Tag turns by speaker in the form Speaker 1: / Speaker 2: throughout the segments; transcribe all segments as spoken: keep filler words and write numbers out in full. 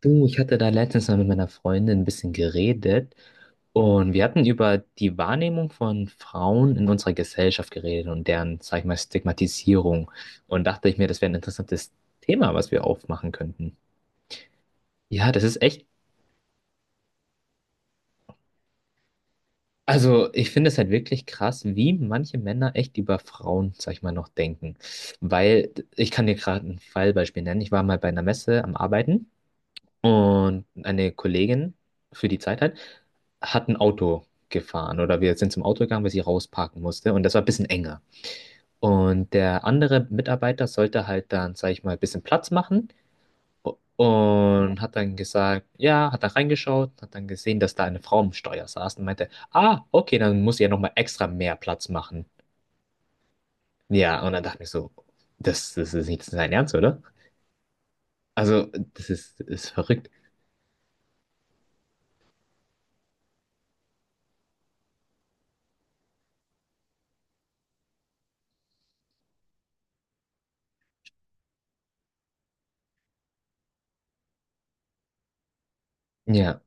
Speaker 1: Du, ich hatte da letztens mal mit meiner Freundin ein bisschen geredet und wir hatten über die Wahrnehmung von Frauen in unserer Gesellschaft geredet und deren, sag ich mal, Stigmatisierung. Und dachte ich mir, das wäre ein interessantes Thema, was wir aufmachen könnten. Ja, das ist echt, also ich finde es halt wirklich krass, wie manche Männer echt über Frauen, sag ich mal, noch denken. Weil ich kann dir gerade ein Fallbeispiel nennen. Ich war mal bei einer Messe am Arbeiten. Und eine Kollegin für die Zeit halt, hat ein Auto gefahren oder wir sind zum Auto gegangen, weil sie rausparken musste und das war ein bisschen enger. Und der andere Mitarbeiter sollte halt dann, sag ich mal, ein bisschen Platz machen und hat dann gesagt, ja, hat dann reingeschaut, hat dann gesehen, dass da eine Frau am Steuer saß und meinte, ah, okay, dann muss ich ja nochmal extra mehr Platz machen. Ja, und dann dachte ich so, das, das ist nicht sein Ernst, oder? Also, das ist, das ist verrückt. Ja.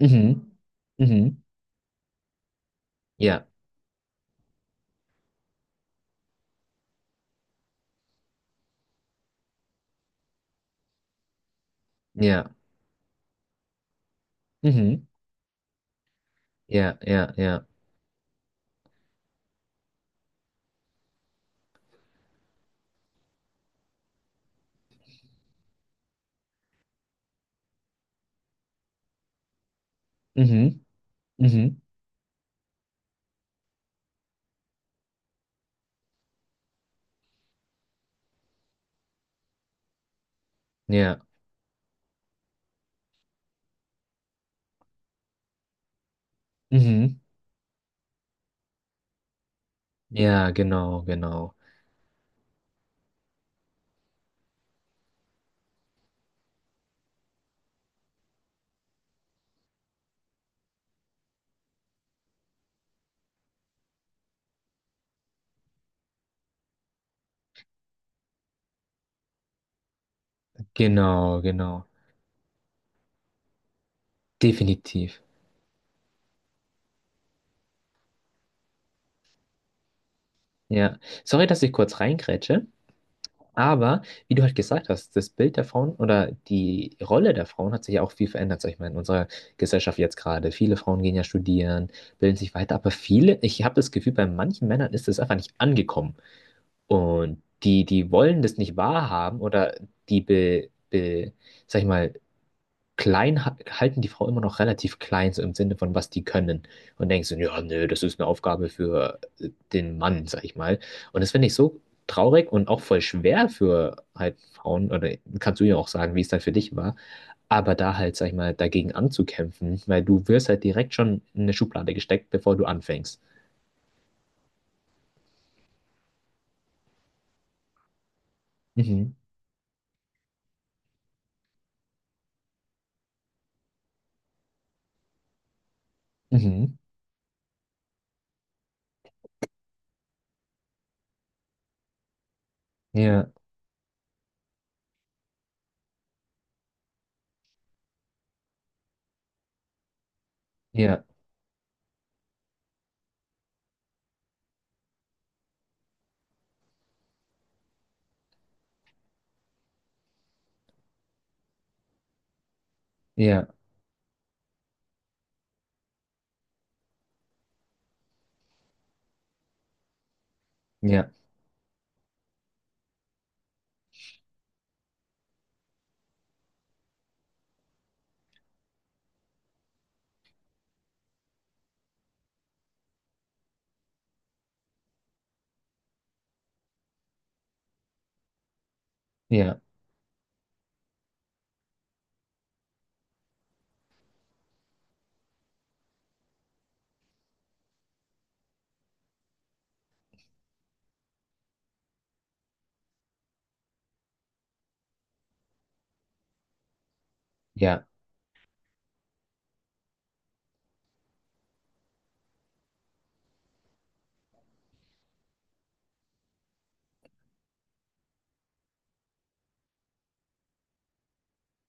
Speaker 1: Mhm. Mhm. Ja. Ja. Mhm. Ja, ja, ja. Mhm. Mhm. Ja. Mhm. Ja, genau, genau. Genau, genau. Definitiv. Ja. Sorry, dass ich kurz reingrätsche, aber wie du halt gesagt hast, das Bild der Frauen oder die Rolle der Frauen hat sich ja auch viel verändert, sag ich mal, in unserer Gesellschaft jetzt gerade. Viele Frauen gehen ja studieren, bilden sich weiter, aber viele, ich habe das Gefühl, bei manchen Männern ist das einfach nicht angekommen. Und die, die wollen das nicht wahrhaben oder die be, be, sag ich mal, klein ha- halten die Frau immer noch relativ klein, so im Sinne von, was die können. Und denkst du, ja, nö, das ist eine Aufgabe für äh, den Mann, sag ich mal. Und das finde ich so traurig und auch voll schwer für halt Frauen, oder kannst du ja auch sagen, wie es dann für dich war, aber da halt, sag ich mal, dagegen anzukämpfen, weil du wirst halt direkt schon in eine Schublade gesteckt, bevor du anfängst. Mhm. Mhm. Ja, ja, ja, ja, ja, ja.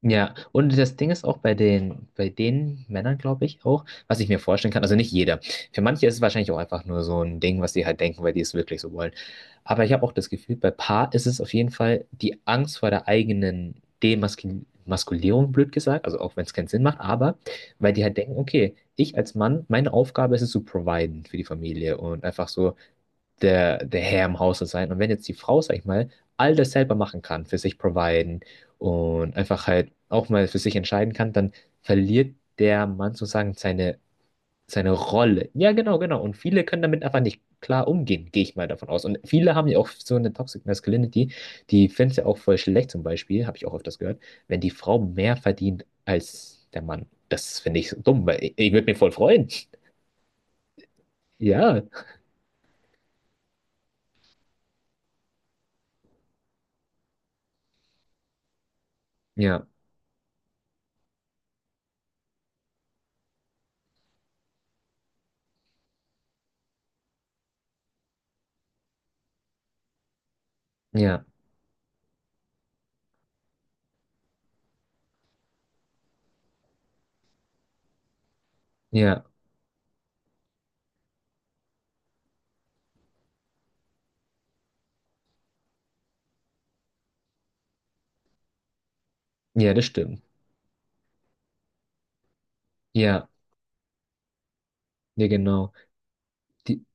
Speaker 1: Ja, und das Ding ist auch bei den, bei den Männern, glaube ich, auch, was ich mir vorstellen kann, also nicht jeder. Für manche ist es wahrscheinlich auch einfach nur so ein Ding, was die halt denken, weil die es wirklich so wollen. Aber ich habe auch das Gefühl, bei Paar ist es auf jeden Fall die Angst vor der eigenen Demaskulierung, blöd gesagt, also auch wenn es keinen Sinn macht, aber weil die halt denken, okay, ich als Mann, meine Aufgabe ist es zu providen für die Familie und einfach so der, der Herr im Hause sein. Und wenn jetzt die Frau, sag ich mal, all das selber machen kann, für sich providen und einfach halt auch mal für sich entscheiden kann, dann verliert der Mann sozusagen seine, seine Rolle. Ja, genau, genau. Und viele können damit einfach nicht klar umgehen, gehe ich mal davon aus. Und viele haben ja auch so eine Toxic Masculinity, die finden es ja auch voll schlecht zum Beispiel, habe ich auch öfters gehört, wenn die Frau mehr verdient als der Mann. Das finde ich so dumm, weil ich, ich würde mich voll freuen. Ja, ja, ja, ja, ja, das stimmt. Ja. Ja, genau. Die,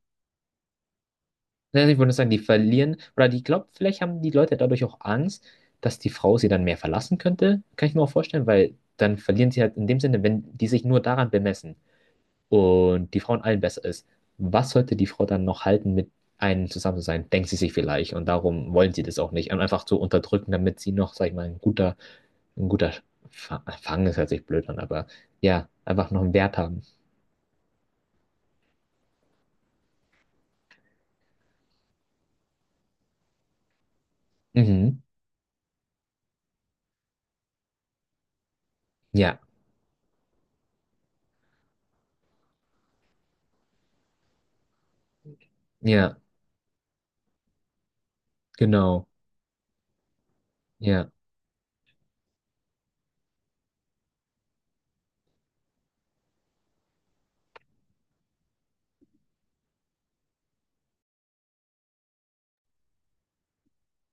Speaker 1: ja, ich würde sagen, die verlieren, oder die glaubt, vielleicht haben die Leute dadurch auch Angst, dass die Frau sie dann mehr verlassen könnte. Kann ich mir auch vorstellen, weil dann verlieren sie halt in dem Sinne, wenn die sich nur daran bemessen und die Frau in allen besser ist. Was sollte die Frau dann noch halten, mit einem zusammen zu sein? Denkt sie sich vielleicht. Und darum wollen sie das auch nicht. Und einfach so unterdrücken, damit sie noch, sag ich mal, ein guter, ein guter Fa- Fang ist, hört sich blöd an, aber ja, einfach noch einen Wert haben. Mhm. Ja, ja, genau. Ja.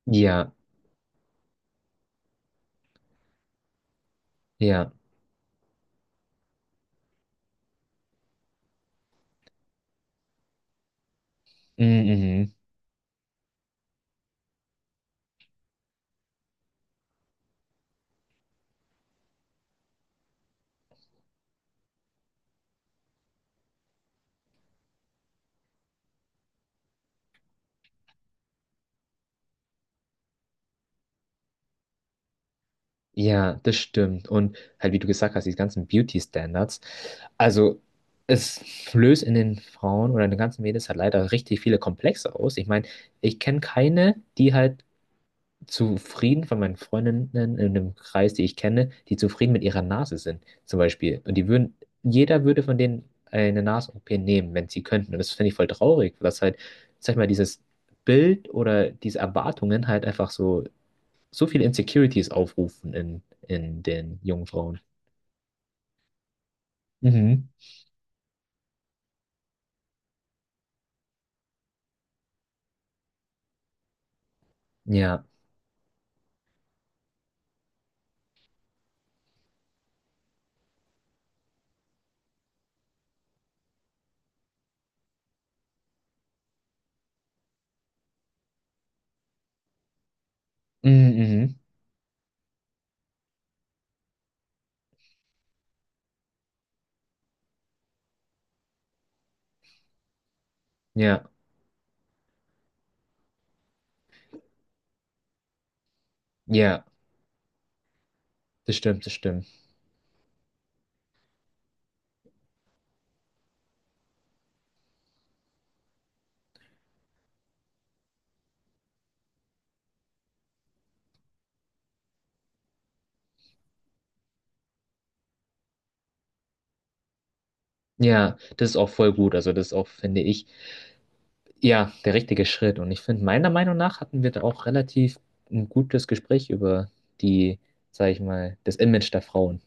Speaker 1: Ja, Ja, mm, mhm. Ja, das stimmt. Und halt, wie du gesagt hast, die ganzen Beauty-Standards. Also, es löst in den Frauen oder in den ganzen Mädels halt leider richtig viele Komplexe aus. Ich meine, ich kenne keine, die halt zufrieden von meinen Freundinnen in dem Kreis, die ich kenne, die zufrieden mit ihrer Nase sind, zum Beispiel. Und die würden, jeder würde von denen eine Nasen-O P nehmen, wenn sie könnten. Und das finde ich voll traurig, was halt, sag ich mal, dieses Bild oder diese Erwartungen halt einfach so so viele Insecurities aufrufen in, in den jungen Frauen. Mhm. Ja. Mhm, mhm. Ja. Ja. Das stimmt, das stimmt. Ja, das ist auch voll gut. Also das ist auch, finde ich, ja, der richtige Schritt. Und ich finde, meiner Meinung nach hatten wir da auch relativ ein gutes Gespräch über die, sag ich mal, das Image der Frauen.